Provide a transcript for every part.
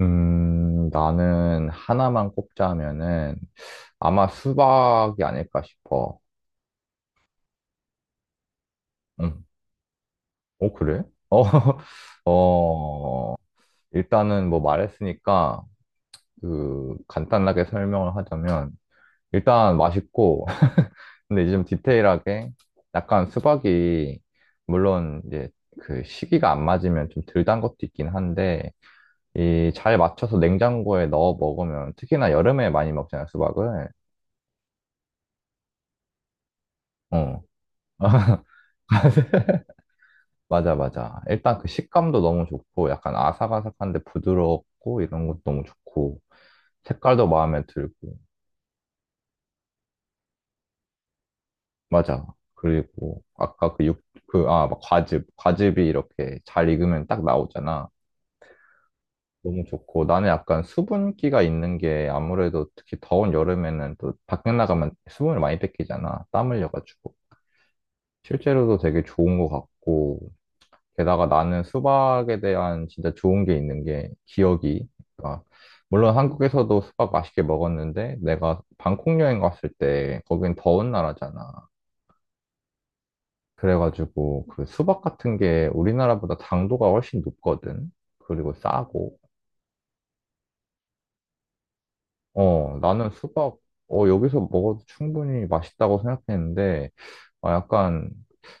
나는 하나만 꼽자면은 아마 수박이 아닐까 싶어. 응. 어, 그래? 어, 어, 일단은 뭐 말했으니까 그 간단하게 설명을 하자면 일단 맛있고. 근데 이제 좀 디테일하게, 약간 수박이, 물론 이제 그 시기가 안 맞으면 좀 덜 단 것도 있긴 한데, 이 잘 맞춰서 냉장고에 넣어 먹으면 특히나 여름에 많이 먹잖아, 수박을. 어. 맞아, 맞아. 일단 그 식감도 너무 좋고, 약간 아삭아삭한데 부드럽고, 이런 것도 너무 좋고, 색깔도 마음에 들고. 맞아. 그리고 아까 그 그, 아, 막 과즙이 이렇게 잘 익으면 딱 나오잖아. 너무 좋고, 나는 약간 수분기가 있는 게 아무래도 특히 더운 여름에는 또 밖에 나가면 수분을 많이 뺏기잖아, 땀 흘려가지고. 실제로도 되게 좋은 것 같고, 게다가 나는 수박에 대한 진짜 좋은 게 있는 게 기억이. 그러니까 물론 한국에서도 수박 맛있게 먹었는데, 내가 방콕 여행 갔을 때 거긴 더운 나라잖아. 그래가지고 그 수박 같은 게 우리나라보다 당도가 훨씬 높거든. 그리고 싸고. 어, 나는 수박, 여기서 먹어도 충분히 맛있다고 생각했는데, 어, 약간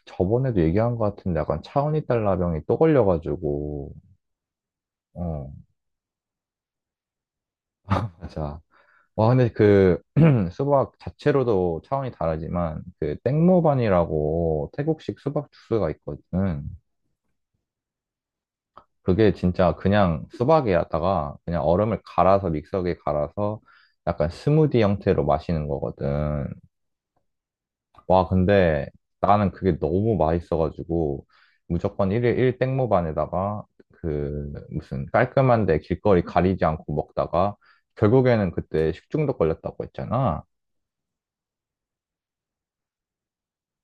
저번에도 얘기한 것 같은데, 약간 차은이 달라병이 또 걸려가지고, 어, 맞아. 와, 근데 그 수박 자체로도 차원이 다르지만, 그 땡모반이라고 태국식 수박 주스가 있거든. 그게 진짜 그냥 수박에다가 그냥 얼음을 갈아서, 믹서기에 갈아서 약간 스무디 형태로 마시는 거거든. 와, 근데 나는 그게 너무 맛있어가지고 무조건 일일일 땡모반에다가, 그 무슨 깔끔한데 길거리 가리지 않고 먹다가 결국에는 그때 식중독 걸렸다고 했잖아.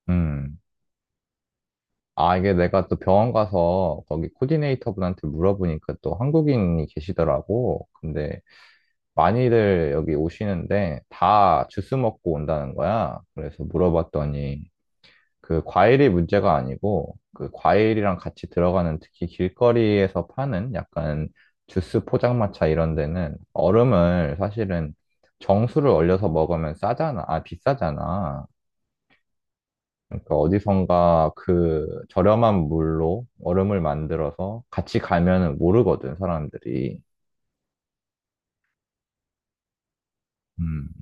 음. 아, 이게, 내가 또 병원 가서 거기 코디네이터분한테 물어보니까 또 한국인이 계시더라고. 근데 많이들 여기 오시는데 다 주스 먹고 온다는 거야. 그래서 물어봤더니, 그 과일이 문제가 아니고 그 과일이랑 같이 들어가는, 특히 길거리에서 파는 약간 주스 포장마차 이런 데는 얼음을 사실은, 정수를 얼려서 먹으면 싸잖아. 아, 비싸잖아. 그러니까 어디선가 그 저렴한 물로 얼음을 만들어서 같이 가면은 모르거든, 사람들이. 음.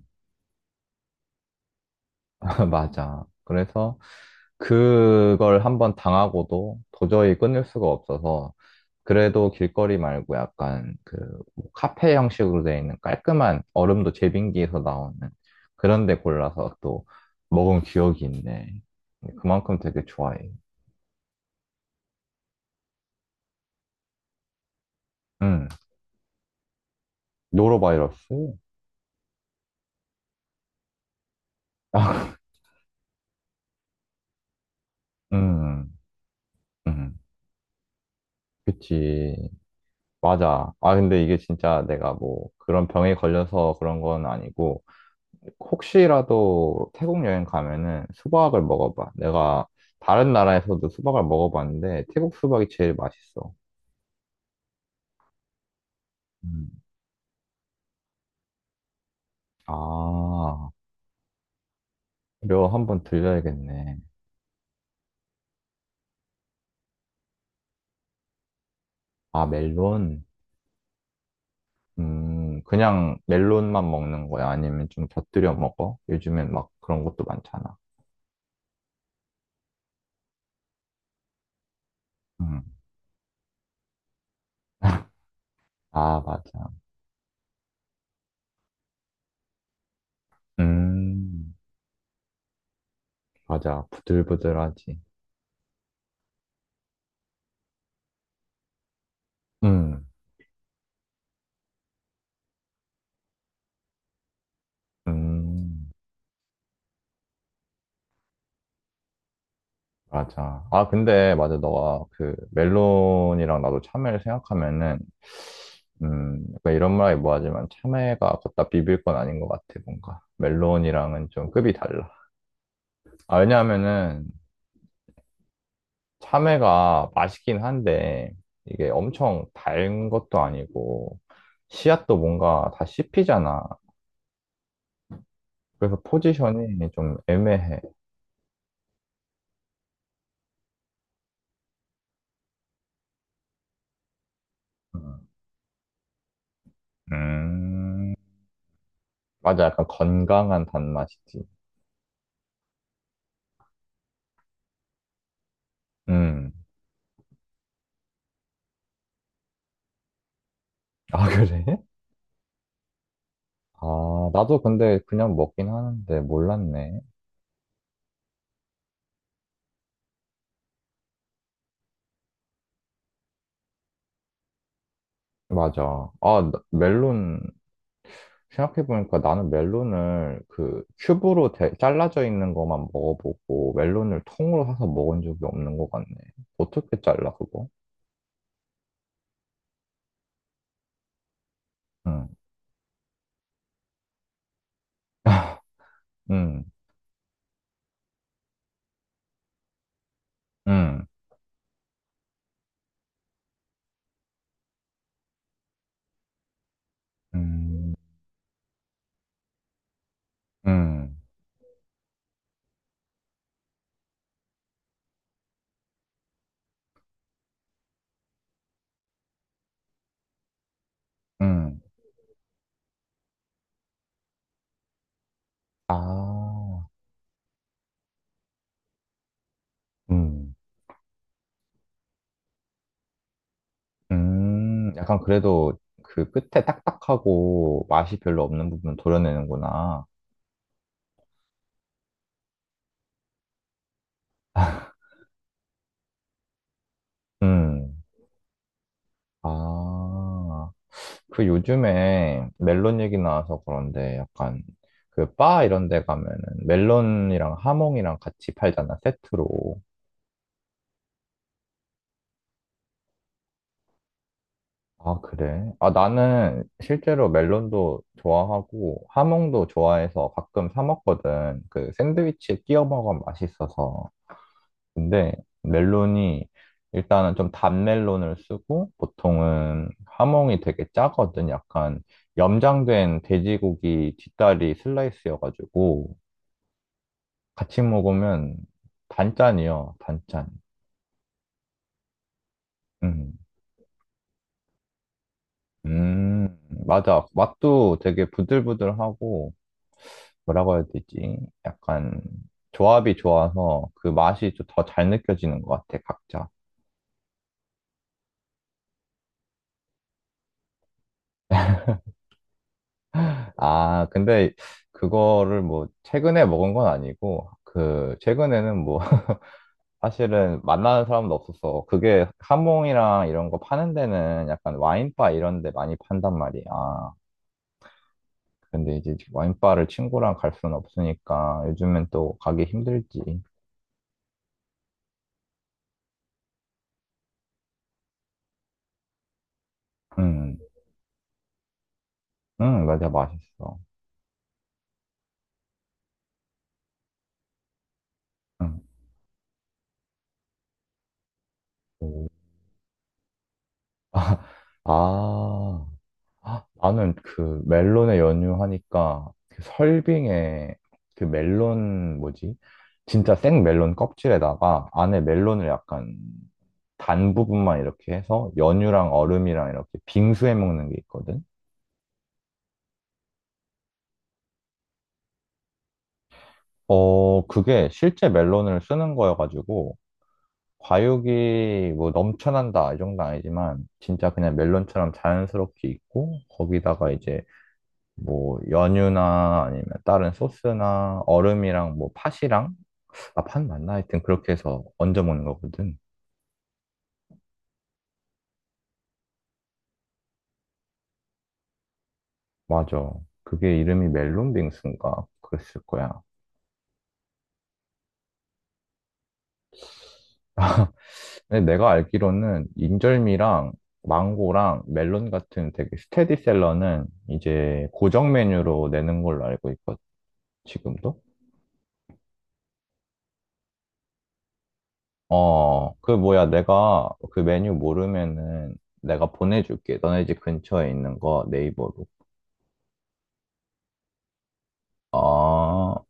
맞아. 그래서 그걸 한번 당하고도 도저히 끊을 수가 없어서, 그래도 길거리 말고 약간 그뭐 카페 형식으로 되어 있는, 깔끔한 얼음도 제빙기에서 나오는 그런 데 골라서 또 먹은 기억이 있네. 그만큼 되게 좋아해. 음. 노로바이러스? 음. 음. 그치. 맞아. 아, 근데 이게 진짜 내가 뭐 그런 병에 걸려서 그런 건 아니고, 혹시라도 태국 여행 가면은 수박을 먹어봐. 내가 다른 나라에서도 수박을 먹어봤는데, 태국 수박이 제일 맛있어. 음. 아, 이거 한번 들려야겠네. 아, 멜론? 그냥 멜론만 먹는 거야? 아니면 좀 곁들여 먹어? 요즘엔 막 그런 것도 많잖아. 음. 아, 맞아. 음, 맞아. 부들부들하지. 음, 음, 맞아. 아, 근데, 맞아. 너가 그 멜론이랑 나도 참외를 생각하면은, 약간 이런 말이 뭐하지만 참외가 갖다 비빌 건 아닌 것 같아, 뭔가. 멜론이랑은 좀 급이 달라. 아, 왜냐하면은, 참외가 맛있긴 한데, 이게 엄청 단 것도 아니고, 씨앗도 뭔가 다 씹히잖아. 그래서 포지션이 좀 애매해. 음, 음, 맞아. 약간 건강한 단맛이지. 음. 아, 그래? 아, 나도 근데 그냥 먹긴 하는데 몰랐네. 맞아. 아, 멜론, 생각해보니까 나는 멜론을 그 큐브로 잘라져 있는 것만 먹어보고, 멜론을 통으로 사서 먹은 적이 없는 것 같네. 어떻게 잘라, 그거? 응, 응, 응, 응, 응, 응. 아, 음, 약간 그래도 그 끝에 딱딱하고 맛이 별로 없는 부분 도려내는구나. 음. 아, 그 요즘에 멜론 얘기 나와서 그런데, 약간 그 바 이런 데 가면은 멜론이랑 하몽이랑 같이 팔잖아, 세트로. 아, 그래? 아, 나는 실제로 멜론도 좋아하고 하몽도 좋아해서 가끔 사 먹거든. 그 샌드위치에 끼워 먹으면 맛있어서. 근데 멜론이 일단은 좀 단 멜론을 쓰고, 보통은 하몽이 되게 짜거든. 약간 염장된 돼지고기 뒷다리 슬라이스여가지고 같이 먹으면 단짠이요. 단짠. 음. 음, 맞아. 맛도 되게 부들부들하고, 뭐라고 해야 되지? 약간 조합이 좋아서 그 맛이 좀 더 잘 느껴지는 것 같아, 각자. 아, 근데 그거를 뭐 최근에 먹은 건 아니고, 그 최근에는 뭐 사실은 만나는 사람도 없어서, 그게 하몽이랑 이런 거 파는 데는 약간 와인바 이런 데 많이 판단 말이야. 근데 이제 와인바를 친구랑 갈 수는 없으니까 요즘엔 또 가기 힘들지. 응, 응, 맞아, 맛있어. 응. 오. 아, 나는 그 멜론에 연유하니까 그 설빙에 그 멜론 뭐지? 진짜 생 멜론 껍질에다가 안에 멜론을 약간 단 부분만 이렇게 해서 연유랑 얼음이랑 이렇게 빙수해 먹는 게 있거든. 어, 그게 실제 멜론을 쓰는 거여가지고, 과육이 뭐 넘쳐난다 이 정도 는 아니지만 진짜 그냥 멜론처럼 자연스럽게 있고, 거기다가 이제 뭐 연유나 아니면 다른 소스나 얼음이랑 뭐 팥이랑, 아, 팥 맞나? 하여튼 그렇게 해서 얹어 먹는 거거든. 맞아. 그게 이름이 멜론 빙수인가? 그랬을 거야. 근데 내가 알기로는 인절미랑 망고랑 멜론 같은 되게 스테디셀러는 이제 고정 메뉴로 내는 걸로 알고 있거든. 지금도? 어, 그 뭐야, 내가 그 메뉴 모르면은 내가 보내줄게. 너네 집 근처에 있는 거 네이버로. 아.